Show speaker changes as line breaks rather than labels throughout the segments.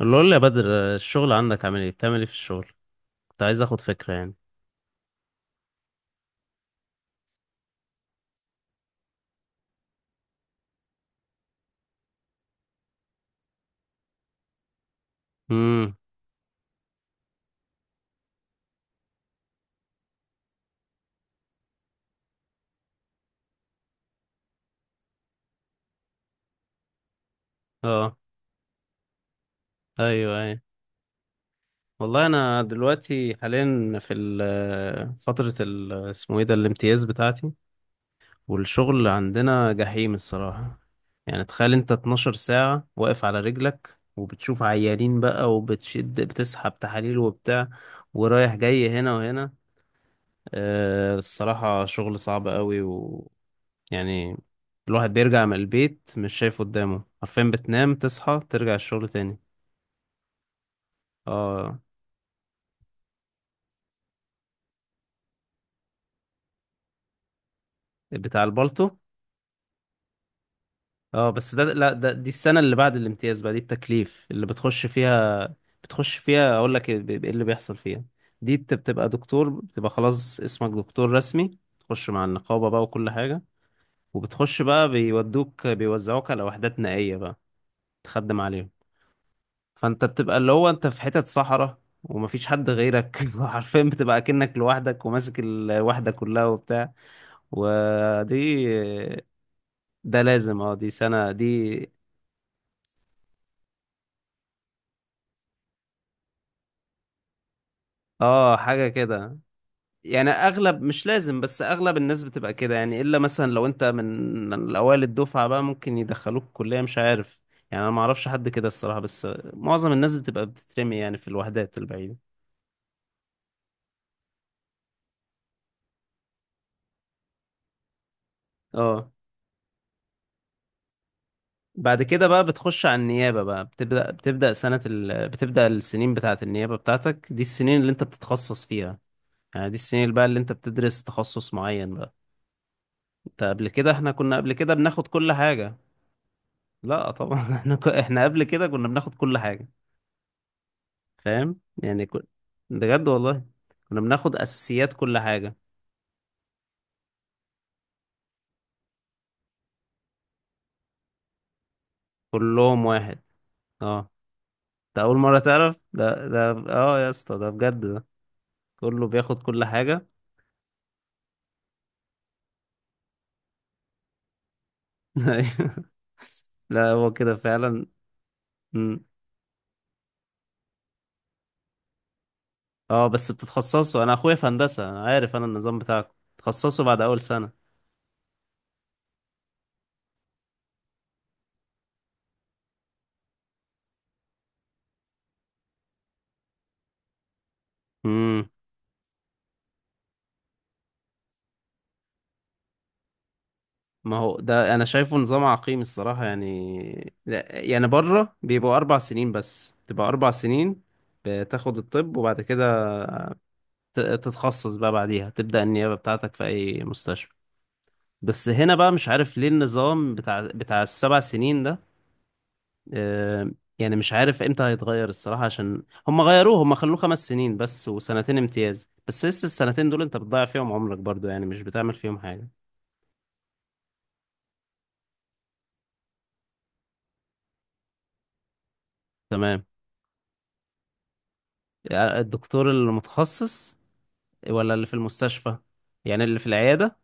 اللي قول لي يا بدر، الشغل عندك عامل ايه؟ بتعمل ايه في الشغل؟ كنت عايز اخد فكرة يعني. امم. اه، ايوه ايوه. والله انا دلوقتي حاليا في فترة ال- اسمه ايه ده الامتياز بتاعتي، والشغل عندنا جحيم الصراحة. يعني تخيل انت 12 ساعة واقف على رجلك، وبتشوف عيانين بقى، بتسحب تحاليل وبتاع، ورايح جاي هنا وهنا. الصراحة شغل صعب قوي يعني. الواحد بيرجع من البيت مش شايف قدامه، عارفين؟ بتنام تصحى ترجع الشغل تاني. اه، بتاع البالتو. اه بس ده، لا ده دي السنة اللي بعد الامتياز بقى، دي التكليف اللي بتخش فيها. بتخش فيها اقول لك إيه اللي بيحصل فيها. دي بتبقى دكتور، بتبقى خلاص اسمك دكتور رسمي، تخش مع النقابة بقى وكل حاجة. وبتخش بقى بيوزعوك على وحدات نائية بقى، تخدم عليهم. فانت بتبقى اللي هو انت في حتت صحراء، ومفيش حد غيرك حرفيا بتبقى كأنك لوحدك وماسك الوحدة كلها وبتاع. ودي ده لازم، اه، دي سنة دي. اه، حاجة كده. يعني اغلب مش لازم، بس اغلب الناس بتبقى كده، يعني الا مثلا لو انت من الاوائل الدفعة بقى ممكن يدخلوك كلية مش عارف. يعني انا ما اعرفش حد كده الصراحة، بس معظم الناس بتبقى بتترمي يعني في الوحدات البعيدة. اه، بعد كده بقى بتخش على النيابة بقى، بتبدأ السنين بتاعة النيابة بتاعتك، دي السنين اللي انت بتتخصص فيها. يعني دي السنين اللي بقى اللي انت بتدرس تخصص معين بقى. انت قبل كده احنا كنا قبل كده بناخد كل حاجة. لا طبعا احنا قبل كده كنا بناخد كل حاجة. فاهم يعني بجد والله. كنا بناخد أساسيات كل حاجة. كلهم واحد. اه، ده أول مرة تعرف، ده ده اه يا اسطى ده بجد ده. كله بياخد كل حاجة. لا، هو كده فعلا. اه بس بتتخصصوا، انا اخويا في هندسة انا عارف، انا النظام بتاعكم بتتخصصوا بعد اول سنة. امم. ما هو ده انا شايفه نظام عقيم الصراحة، يعني لا، يعني بره بيبقوا اربع سنين بس، تبقى اربع سنين بتاخد الطب، وبعد كده تتخصص بقى، بعديها تبدأ النيابة بتاعتك في اي مستشفى. بس هنا بقى مش عارف ليه النظام بتاع السبع سنين ده. آه، يعني مش عارف امتى هيتغير الصراحة، عشان هم غيروه، هم خلوه خمس سنين بس وسنتين امتياز، بس لسه السنتين دول انت بتضيع فيهم عمرك برضو يعني، مش بتعمل فيهم حاجة. تمام. يعني الدكتور المتخصص ولا اللي في المستشفى؟ يعني اللي في العيادة.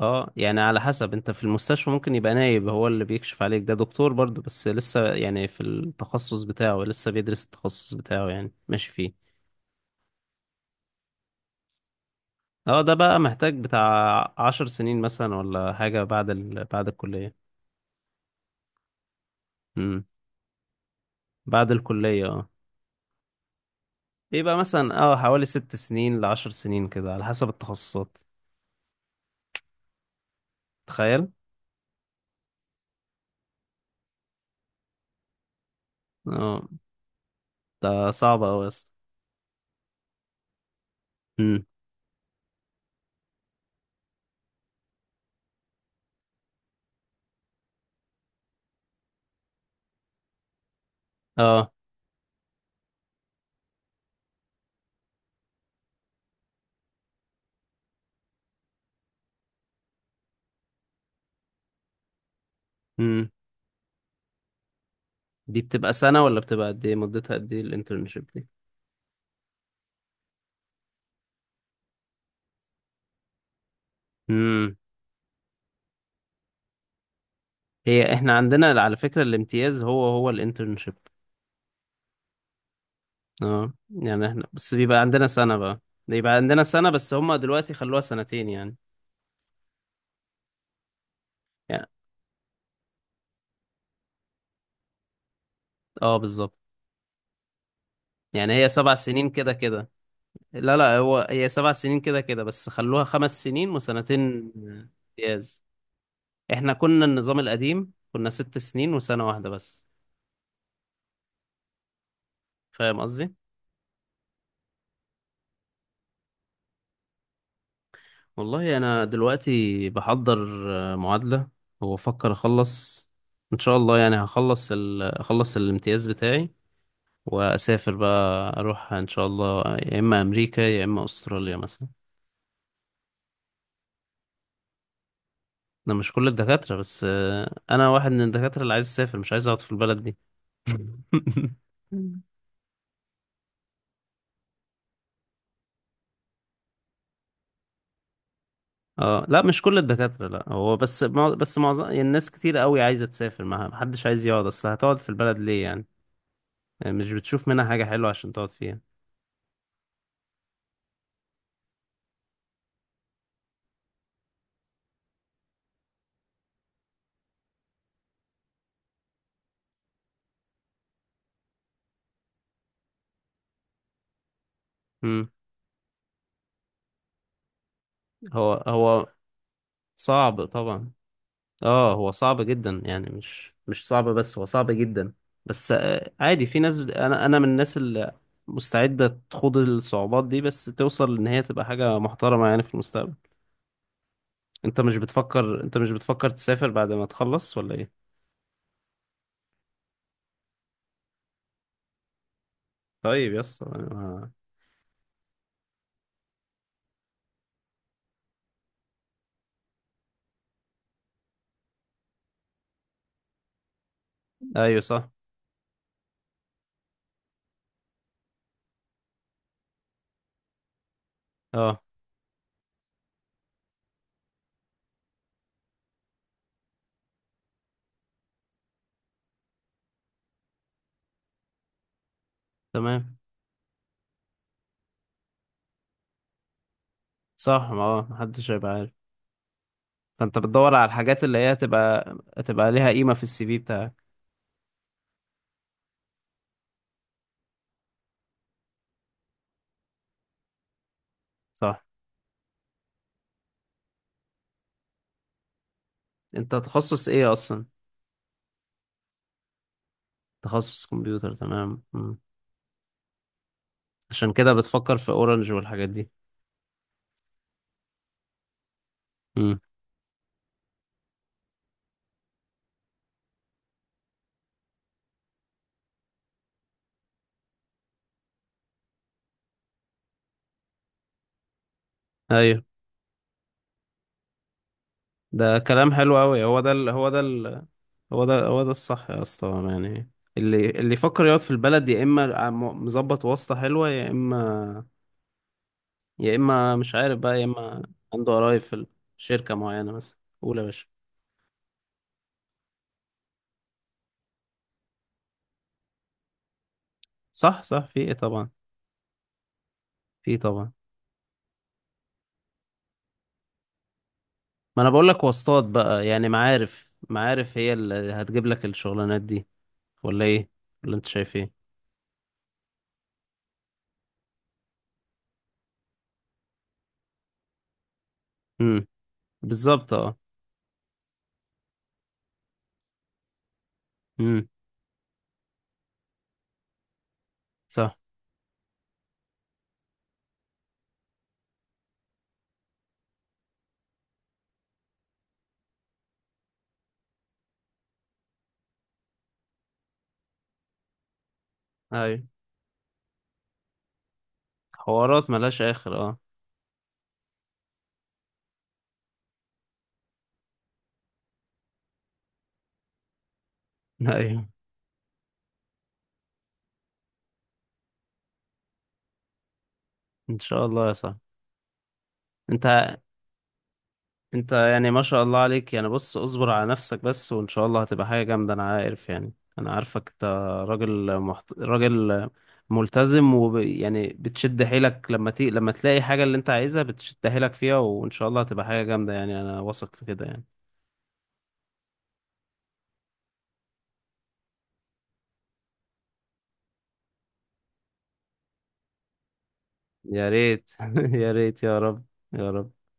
اه، يعني على حسب، انت في المستشفى ممكن يبقى نايب هو اللي بيكشف عليك، ده دكتور برضو بس لسه يعني في التخصص بتاعه، لسه بيدرس التخصص بتاعه يعني، ماشي فيه. اه ده بقى محتاج بتاع عشر سنين مثلا ولا حاجة بعد بعد الكلية. امم. بعد الكلية اه، بيبقى مثلا اه حوالي ست سنين لعشر سنين كده على حسب التخصصات. تخيل. اه، ده صعب أوي بس. امم. اه. امم. دي بتبقى سنة ولا بتبقى قد ايه؟ مدتها قد ايه الانترنشيب دي؟ امم. هي احنا عندنا على فكرة الامتياز هو هو الانترنشيب. اه يعني احنا بس بيبقى عندنا سنة بقى، بيبقى عندنا سنة بس هما دلوقتي خلوها سنتين يعني. يعني اه، بالظبط. يعني هي سبع سنين كده كده. لا لا، هو هي سبع سنين كده كده بس خلوها خمس سنين وسنتين امتياز. احنا كنا النظام القديم كنا ست سنين وسنة واحدة بس. فاهم قصدي؟ والله انا دلوقتي بحضر معادلة، وبفكر اخلص ان شاء الله يعني، هخلص اخلص الامتياز بتاعي، واسافر بقى، اروح ان شاء الله يا اما امريكا يا اما استراليا مثلا. انا مش كل الدكاترة، بس انا واحد من الدكاترة اللي عايز اسافر، مش عايز اقعد في البلد دي. اه لا مش كل الدكاترة، لا هو بس بس معظم يعني، الناس كتير قوي عايزة تسافر، معها محدش عايز يقعد، اصل هتقعد في البلد ليه يعني؟ يعني مش بتشوف منها حاجة حلوة عشان تقعد فيها. امم. هو هو صعب طبعا. اه هو صعب جدا يعني، مش صعب بس، هو صعب جدا. بس عادي، في ناس انا من الناس اللي مستعدة تخوض الصعوبات دي بس توصل ان هي تبقى حاجة محترمة يعني في المستقبل. انت مش بتفكر، انت مش بتفكر تسافر بعد ما تخلص ولا ايه؟ طيب يس ايوه صح. اه. تمام. صح، ما اه محدش هيبقى عارف. فانت بتدور على الحاجات اللي هي هتبقى ليها قيمة في السي في بتاعك. صح. انت تخصص ايه اصلا؟ تخصص كمبيوتر، تمام. مم. عشان كده بتفكر في اورنج والحاجات دي. مم. ايوه. ده كلام حلو قوي. هو ده هو ده الصح يا اسطى يعني، اللي يفكر يقعد في البلد يا اما مظبط واسطة حلوة، يا اما يا اما مش عارف بقى، يا اما عنده قرايب في شركة معينة مثلا، قول يا باشا. صح صح، في ايه طبعا. في إيه طبعا. ما انا بقول لك واسطات بقى يعني، معارف، معارف هي اللي هتجيب لك الشغلانات دي، ولا ايه؟ ولا انت شايف ايه؟ امم. بالظبط اه. امم. صح. ايوه. حوارات ملهاش اخر اه. ايوه. ان شاء الله يا صاحبي. انت انت يعني ما شاء الله عليك يعني، بص اصبر على نفسك بس وان شاء الله هتبقى حاجة جامدة، انا عارف يعني، انا عارفك انت راجل راجل ملتزم، ويعني بتشد حيلك لما لما تلاقي حاجة اللي انت عايزها بتشد حيلك فيها، وان شاء الله هتبقى حاجة جامدة يعني، انا واثق في كده يعني. يا ريت. يا ريت يا رب. يا رب.